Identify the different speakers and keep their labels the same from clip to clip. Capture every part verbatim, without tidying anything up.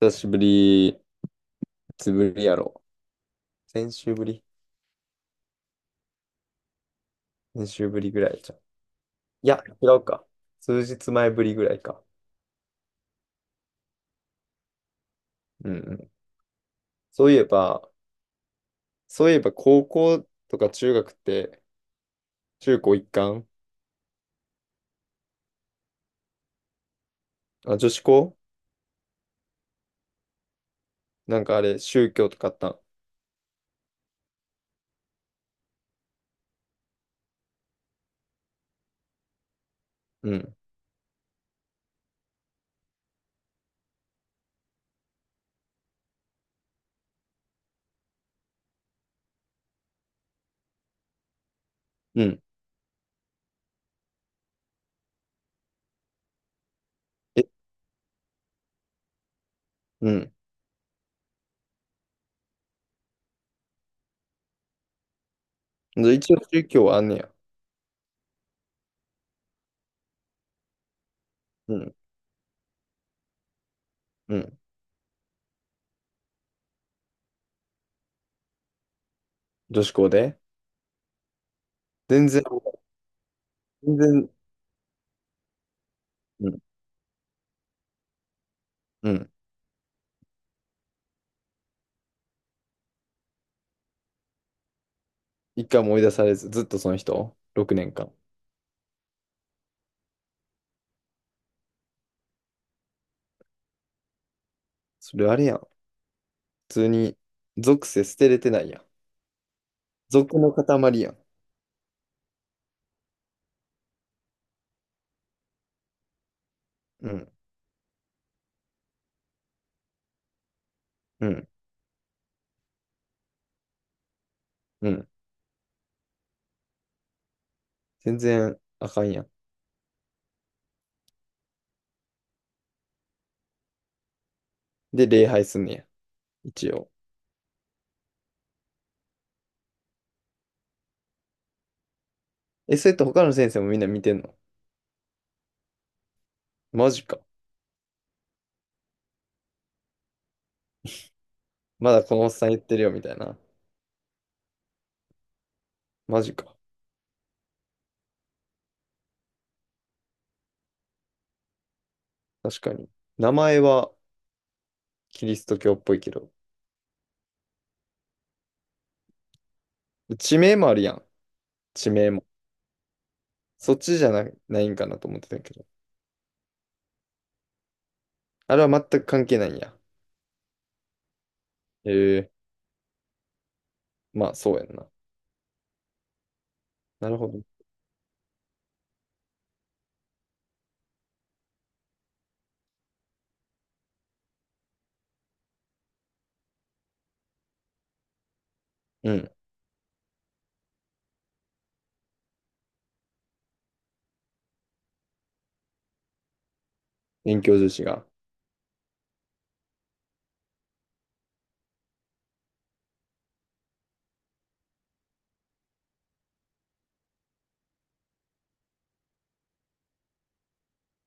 Speaker 1: 久しぶり、いつぶりやろ。先週ぶり先週ぶりぐらいじゃん。いや、違うか。数日前ぶりぐらいか。うんうん。そういえば、そういえば高校とか中学って、中高一貫。あ、女子校。なんかあれ、宗教とかあったん？うん。うん。え、うん。で一応宗教はあんねや。うん。うん。女子校で全然、全然、うん。うん。一回も追い出されず、ずっとその人 ?ろくねんかん 年間。それあれやん。普通に、属性捨てれてないやん。俗の塊やん。うん、うん、うん。全然あかんやん。で、礼拝すんねや。一応。え、それって他の先生もみんな見てんの？マジか。まだこのおっさん言ってるよ、みたいな。マジか。確かに。名前はキリスト教っぽいけど。地名もあるやん。地名も。そっちじゃな、ないんかなと思ってたけど。あれは全く関係ないんや。ええ、まあ、そうやんな。なるほど。うん。勉強重視が。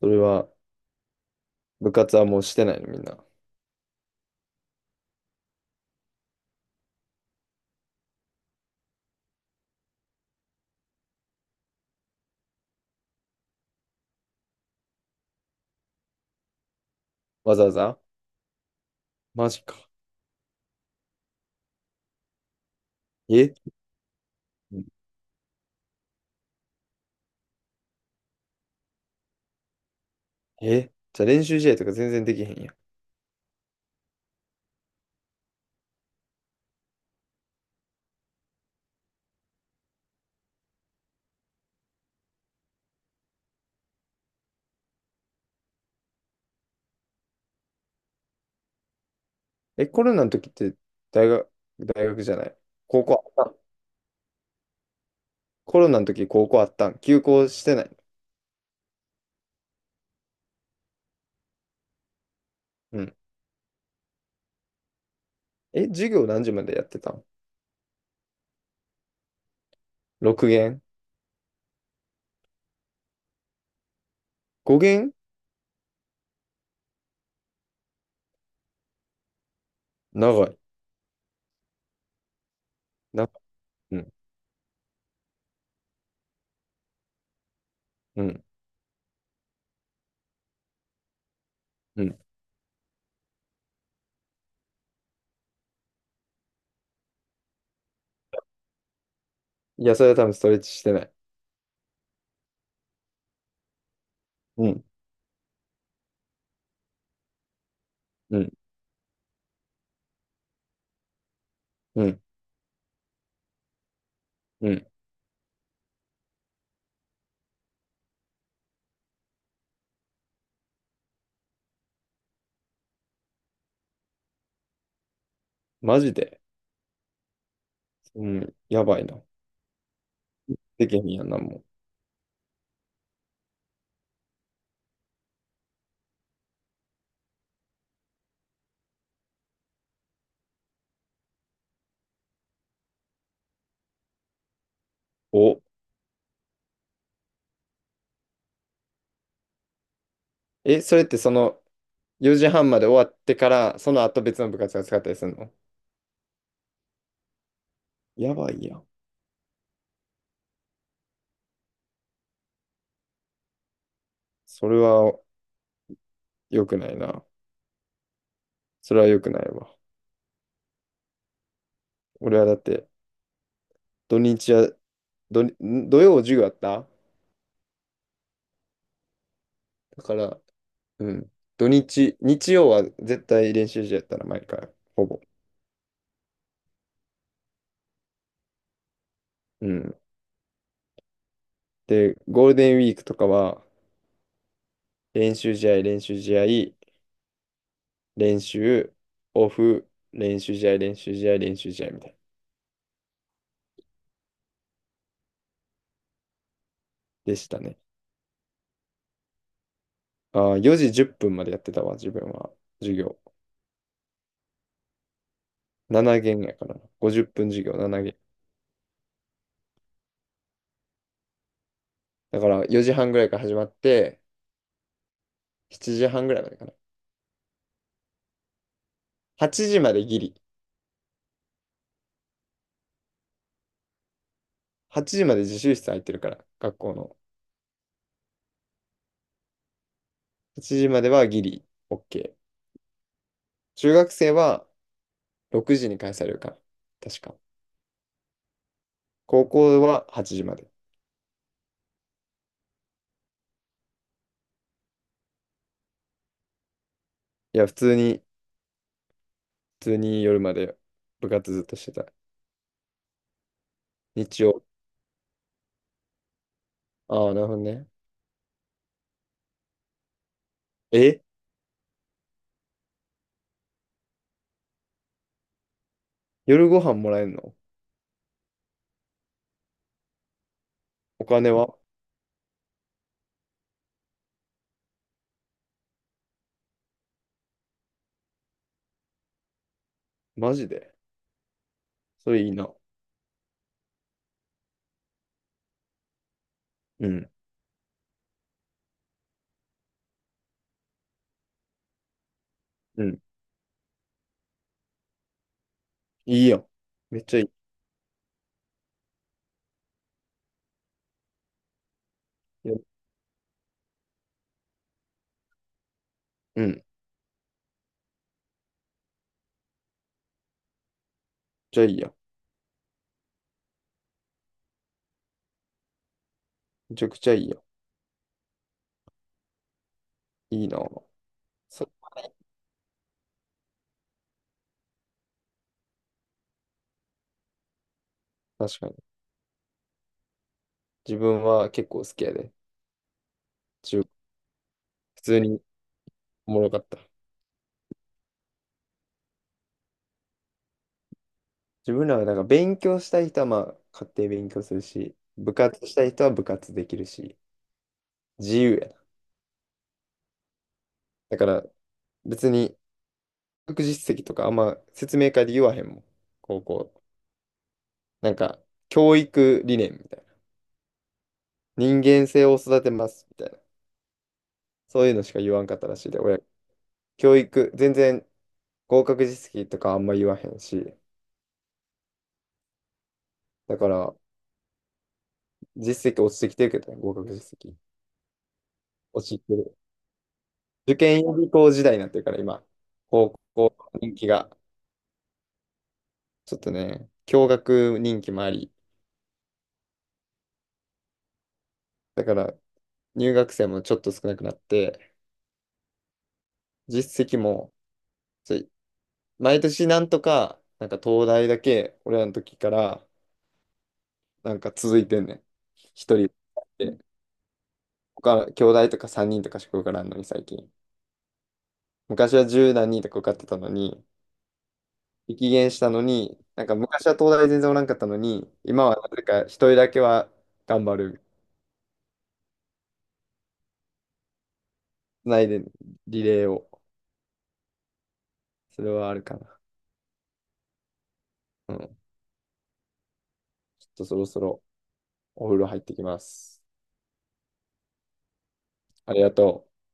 Speaker 1: それは、部活はもうしてないの、みんな？わざわざ。マジか。ええ、じゃあ練習試合とか全然できへんやん。え、コロナの時って大学、大学じゃない、高校あったん？コロナの時高校あったん？休校してない？うん。え、授業何時までやってたん ?ろくげん 限 ?ごげん 限？長い。な。うん。うん。うん。いや、それは多分ストレッチしてない。うん。うん。うん。うん。マジで。うん。やばいな。できへんやんな、もう。お。え、それってそのよじはんまで終わってから、その後別の部活が使ったりするの？やばいやん。それは良くないな。それは良くないわ。俺はだって、土日は、土、土曜授業あった？だから、うん。土日、日曜は絶対練習試合やったな、毎回。ほぼ。うん。で、ゴールデンウィークとかは、練習試合、練習試合、練習、オフ、練習試合、練習試合、練習試合みたいな。でしたね。ああ、よじじゅっぷんまでやってたわ、自分は。授業。ななげん限やからな。ごじゅっぷん授業、ななげん限。だからよじはんぐらいから始まって、しちじはんぐらいまでかな。はちじまでギリ。はちじまで自習室空いてるから、学校の。はちじまではギリ、オーケー。中学生はろくじに返されるから確か。高校ははちじまで。いや、普通に、普通に夜まで部活ずっとしてた。日曜。ああ、なるほどね。え、夜ご飯もらえるの？お金は？マジで？それいいな。うん。うん。いいやん。めっちゃいい。いや、うん。じゃあいいやん。めちゃくちゃいいやん。いいな。そ確かに。自分は結構好きやで。中普通におもろかった。自分らはなんか勉強したい人はまあ家庭勉強するし、部活したい人は部活できるし、自由やな。だから別に学実績とかあんま説明会で言わへんもん。高校。なんか教育理念みたいな。人間性を育てますみたいな。そういうのしか言わんかったらしいで、親。教育、全然合格実績とかあんま言わへんし、だから実績落ちてきてるけどね、合格実績。落ちてる。受験予備校時代になってるから、今、高校人気が、ちょっとね、共学人気もあり、だから入学生もちょっと少なくなって、実績も、ちょ毎年なんとか、なんか東大だけ、俺らの時から、なんか続いてんねん。一人で、他、兄弟とかさんにんとかしか受からんのに、最近。昔は十何人とか受かってたのに、激減したのに、なんか昔は東大全然おらんかったのに、今はなぜか一人だけは頑張るないで、リレーを。それはあるかな。うん。ちょっとそろそろお風呂入ってきます。ありがとう。